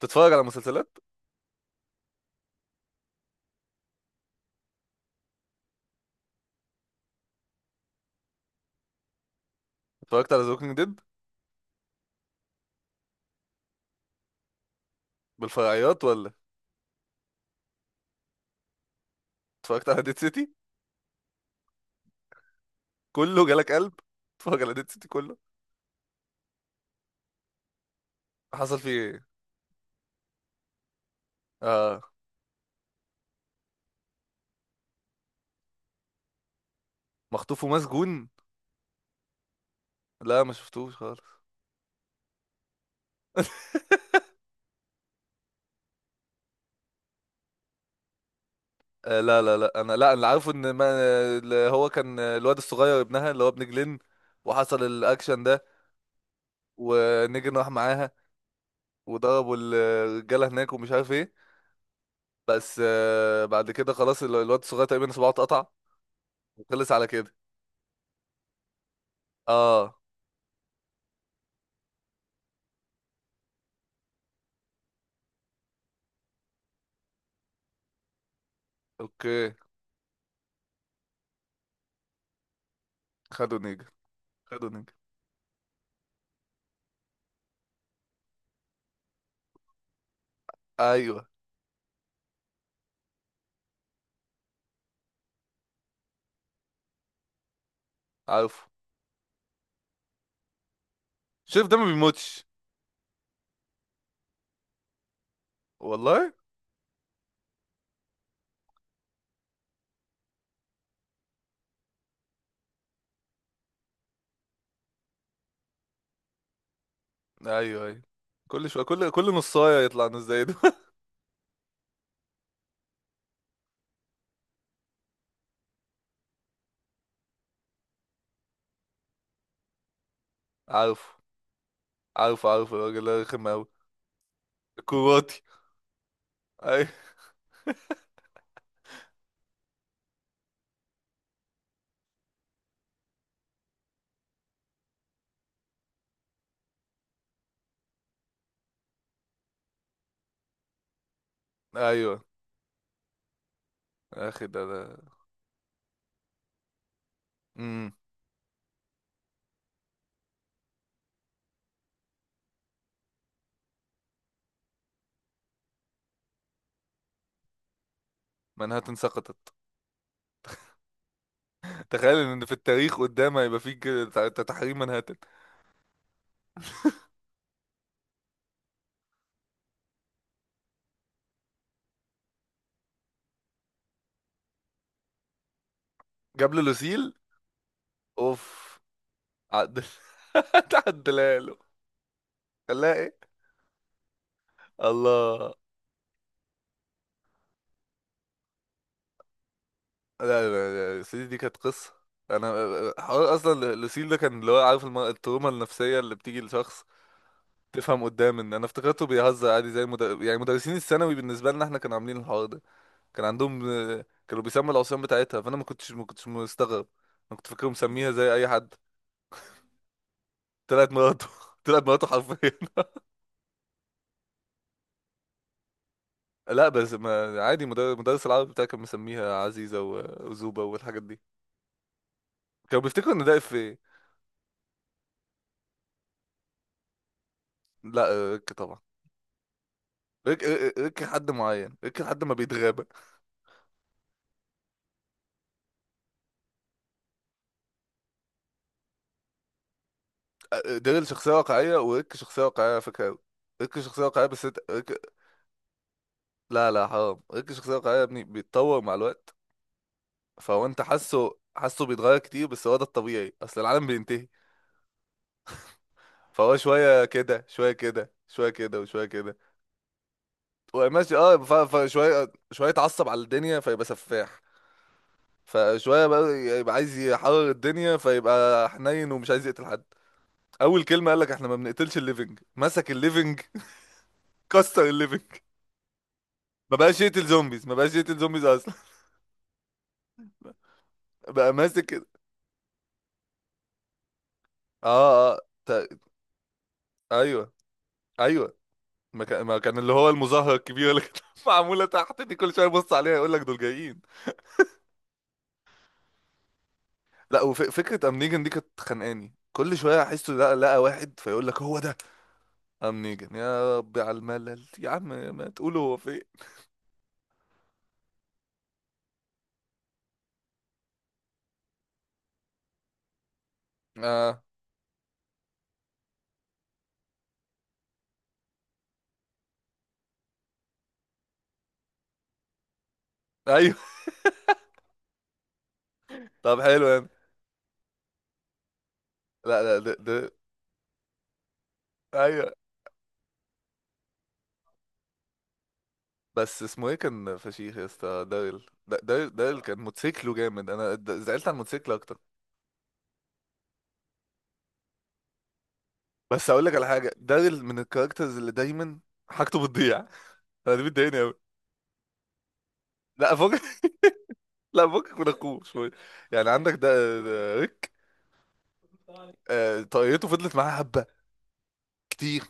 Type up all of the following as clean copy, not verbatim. تتفرج على مسلسلات؟ اتفرجت على ذا ووكينج ديد بالفرعيات ولا؟ اتفرجت على ديد سيتي كله؟ جالك قلب اتفرج على ديد سيتي كله. حصل فيه ايه؟ آه. مخطوف ومسجون؟ لا ما شفتوش خالص. آه، لا لا لا، انا لا، اللي عارفه ان ما اللي هو كان الواد الصغير ابنها اللي هو ابن جلين وحصل الاكشن ده. ونيجن راح معاها وضربوا الرجاله هناك ومش عارف ايه. بس بعد كده خلاص الواد الصغير تقريبا صباعه اتقطع وخلص على كده. اه. اوكي. خدوا نيجن. خدوا نيجن. ايوه. عارفه. شايف ده ما بيموتش؟ والله. ايوه ايوه. كل شويه كل نصايه يطلع نص زي ده. عارفه، عارفه، عارفه، الراجل ده رخم قوي. الكرواتي. ايوه ايوه. يا اخي ده. امم منهاتن سقطت. تخيل ان في التاريخ قدام هيبقى في كده تحريم منهاتن. جاب له لوسيل. اوف. عدل. عدلها له. خلاها ايه؟ الله. لا لا لا، سيدي دي كانت قصة. انا، حوار اصلا لوسيل ده كان اللي هو عارف التروما النفسية اللي بتيجي لشخص تفهم قدام ان انا افتكرته بيهزر عادي زي يعني مدرسين الثانوي بالنسبة لنا احنا كانوا عاملين الحوار ده. كان عندهم، كانوا بيسموا العصيان بتاعتها، فانا ما كنتش مستغرب. انا كنت فاكره مسميها زي اي حد. طلعت مراته. طلعت مراته حرفيا. لا بس ما عادي، مدرس العربي بتاعي كان مسميها عزيزة وزوبة والحاجات دي. كانوا بيفتكروا ان ده اف ايه. لا، طبعا. ريك ريك، حد معين ريك لحد ما بيتغاب. ديرل شخصية واقعية وريك شخصية واقعية على فكرة أوي. ريك شخصية واقعية بس انت ريك. لا لا، حرام، ريك شخصية واقعية يا ابني، بيتطور مع الوقت. فهو انت حاسه بيتغير كتير، بس هو ده الطبيعي، اصل العالم بينتهي. فهو شوية كده شوية كده شوية كده وشوية كده. وماشي. اه، فشوية شوية يتعصب على الدنيا فيبقى سفاح، فشوية بقى يبقى عايز يحرر الدنيا فيبقى حنين ومش عايز يقتل حد. اول كلمة قال لك احنا ما بنقتلش الليفنج، مسك الليفنج، كسر الليفنج. ما بقاش يقتل زومبيز اصلا. بقى ماسك كده. اه اه. تا- ايوه ايوه. ما كان اللي هو المظاهره الكبيره اللي كانت معموله تحت دي، كل شويه يبص عليها يقول لك دول جايين. لا، وفكره ام نيجن دي كانت خانقاني، كل شويه احسه لا، لقى واحد فيقول لك هو ده ام نيجن، يا ربي على الملل يا عم. ما تقولوا هو فين. اه ايوه. طب حلو يعني. لا لا ده. ايوه. بس اسمه ايه كان فشيخ يا اسطى، داريل، داريل كان موتوسيكله جامد، انا زعلت على الموتوسيكل اكتر. بس اقول لك على حاجه، داريل من الكاركترز اللي دايما حاجته بتضيع. انا دي بتضايقني قوي. لا فوق. لا فوقك من اخوه شويه. يعني عندك ده ريك، طاقيته فضلت معاه حبه كتير.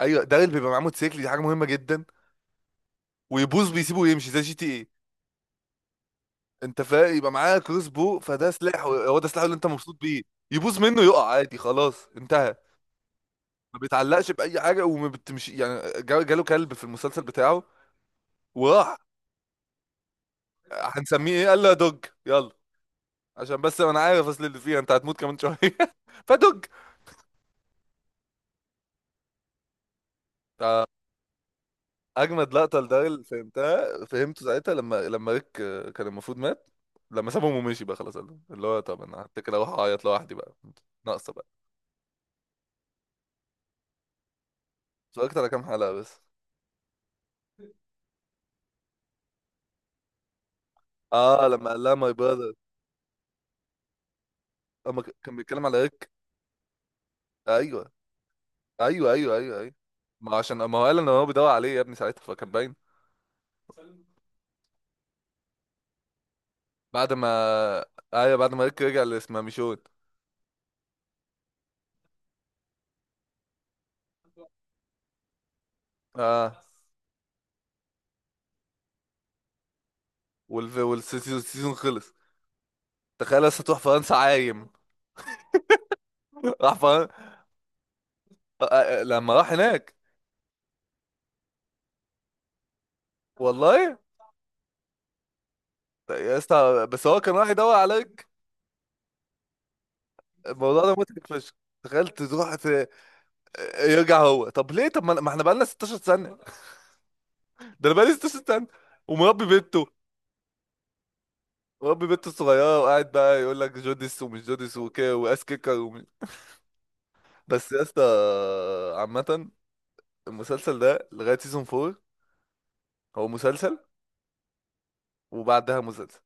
ايوه داريل بيبقى معاه موتوسيكل، دي حاجه مهمه جدا. ويبوظ بيسيبه ويمشي زي جي تي ايه. انت فاهم؟ يبقى معاه كروس بو، فده سلاح، هو ده سلاحه اللي انت مبسوط بيه. يبوظ منه، يقع، عادي خلاص انتهى. ما بيتعلقش باي حاجه وما بتمشي. يعني جاله كلب في المسلسل بتاعه، وراح هنسميه ايه؟ قال له يا دوج يلا. عشان بس انا عارف اصل اللي فيها انت هتموت كمان شويه. فدوج. اجمد لقطه لده اللي فهمتها، فهمته ساعتها لما ريك كان المفروض مات، لما سابهم ومشي بقى خلاص، اللي هو طب انا هتكل اروح اعيط لوحدي بقى. ناقصه بقى. اتفرجت على كام حلقه بس. اه لما قال لها ماي براذر. اما كان بيتكلم على ريك. ايوه ايوه ايوه ايوه ايوه. ما عشان ما هو قال ان هو بيدور عليه يا ابني ساعتها، فكان باين. بعد ما، ايوه بعد ما ريك رجع لاسماميشون. اه. والسيزون، السيزون خلص. تخيل لسه تروح فرنسا عايم. راح فرنسا. لما راح هناك. والله يا اسطى بس هو كان راح يدور عليك. الموضوع ده مضحك فشخ. تخيل تروح في... يرجع هو طب ليه، طب ما احنا بقالنا 16 سنة، ده انا بقالي 16 سنة ومربي بنته، مربي بنته الصغيرة، وقاعد بقى يقول لك جوديس ومش جوديس وكده، واس كيكر ومش... بس يا اسطى، عامة المسلسل ده لغاية سيزون 4 هو مسلسل، وبعدها مسلسل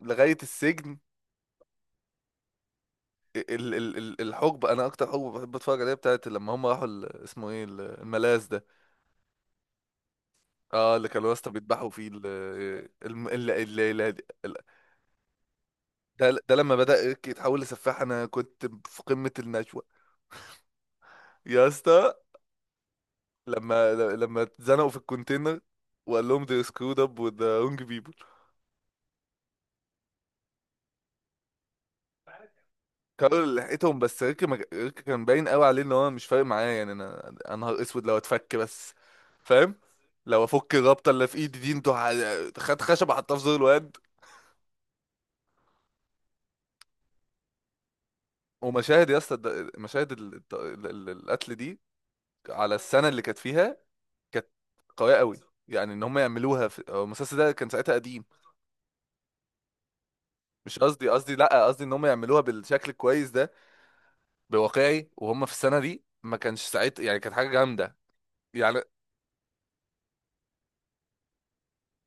لغاية السجن. ال ال ال الحقبة، أنا أكتر حقبة بحب أتفرج عليها بتاعت لما هم راحوا اسمه إيه الملاذ ده. أه اللي كانوا واسطة بيذبحوا فيه ال الم- ال ال ال ال- ده، ده لما بدأ إيريك يتحول لسفاح أنا كنت في قمة النشوة. يا اسطى، لما اتزنقوا في الكونتينر وقال لهم they screwed up with the wrong people. كارول اللي لحقتهم، بس ريكي ريكي كان باين قوي عليه ان هو مش فارق معاه. يعني انا نهار اسود لو اتفك بس. فاهم؟ لو افك الرابطه اللي في ايدي دي انتوا، خد خشبه حطها في زور الواد. ومشاهد يا اسطى مشاهد ال... الت- ال- ال- القتل دي على السنه اللي كانت فيها، كانت قويه قوي. يعني ان هم يعملوها في، هو المسلسل ده كان ساعتها قديم. مش قصدي، قصدي لا، قصدي ان هم يعملوها بالشكل الكويس ده، بواقعي، وهم في السنه دي ما كانش ساعتها، يعني كانت حاجه جامده. يعني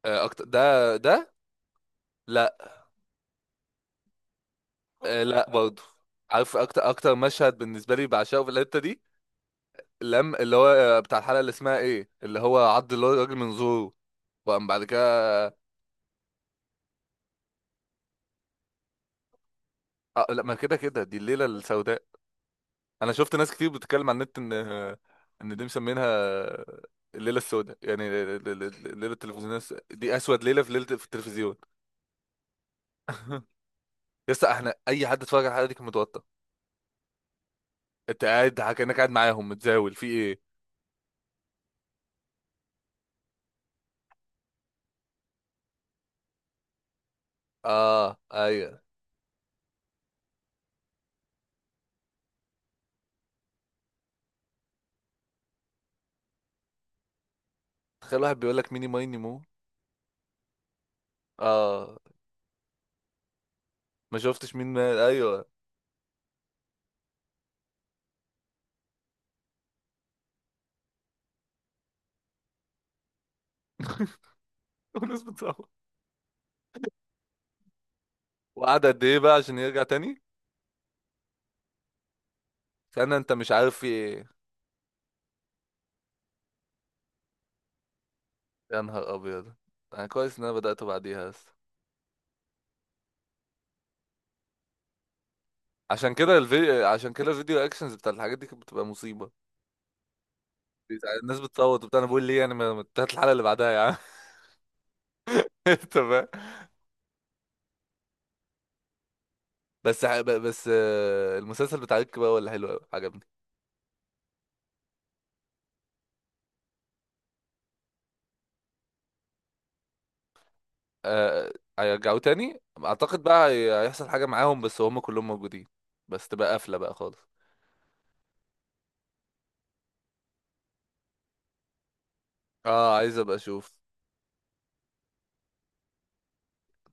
أكتر ده. لا، لا برضه. عارف اكتر، مشهد بالنسبه لي بعشقه في الحته دي، لم اللي هو بتاع الحلقه اللي اسمها ايه اللي هو عض اللي هو الراجل من زوره وقام بعد كده. لا، ما كده كده، دي الليله السوداء. انا شفت ناس كتير بتتكلم على النت ان ان دي مسمينها الليله السوداء، يعني الليله التلفزيونيه دي اسود ليله في ليله في التلفزيون. يسطا احنا اي حد اتفرج على الحلقه دي كان متوتر. انت قاعد كانك قاعد معاهم، متزاول في ايه. اه ايوه. تخيل واحد بيقول لك ميني ماي نيمو. اه ما شفتش مين مال، ايوه. والناس بتصوت. وقعد قد ايه بقى عشان يرجع تاني؟ سنة انت مش عارف في ايه. يا نهار ابيض. انا كويس ان انا بدأت بعديها بس. عشان كده الفيديو، عشان كده الفيديو اكشنز بتاع الحاجات دي كانت بتبقى مصيبة. الناس بتصوت وبتاع، انا بقول ليه يعني، ما انتهت الحلقة اللي بعدها يا عم. تمام. بس بس المسلسل بتاع ريك بقى ولا حلو قوي عجبني. آه، هيرجعوه تاني اعتقد بقى، هيحصل حاجة معاهم بس هم كلهم موجودين. بس تبقى قافلة بقى خالص. اه عايز ابقى اشوف.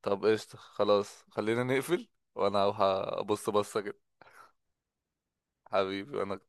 طب قشطة خلاص خلينا نقفل، وانا هروح ابص بصة كده. حبيبي وانا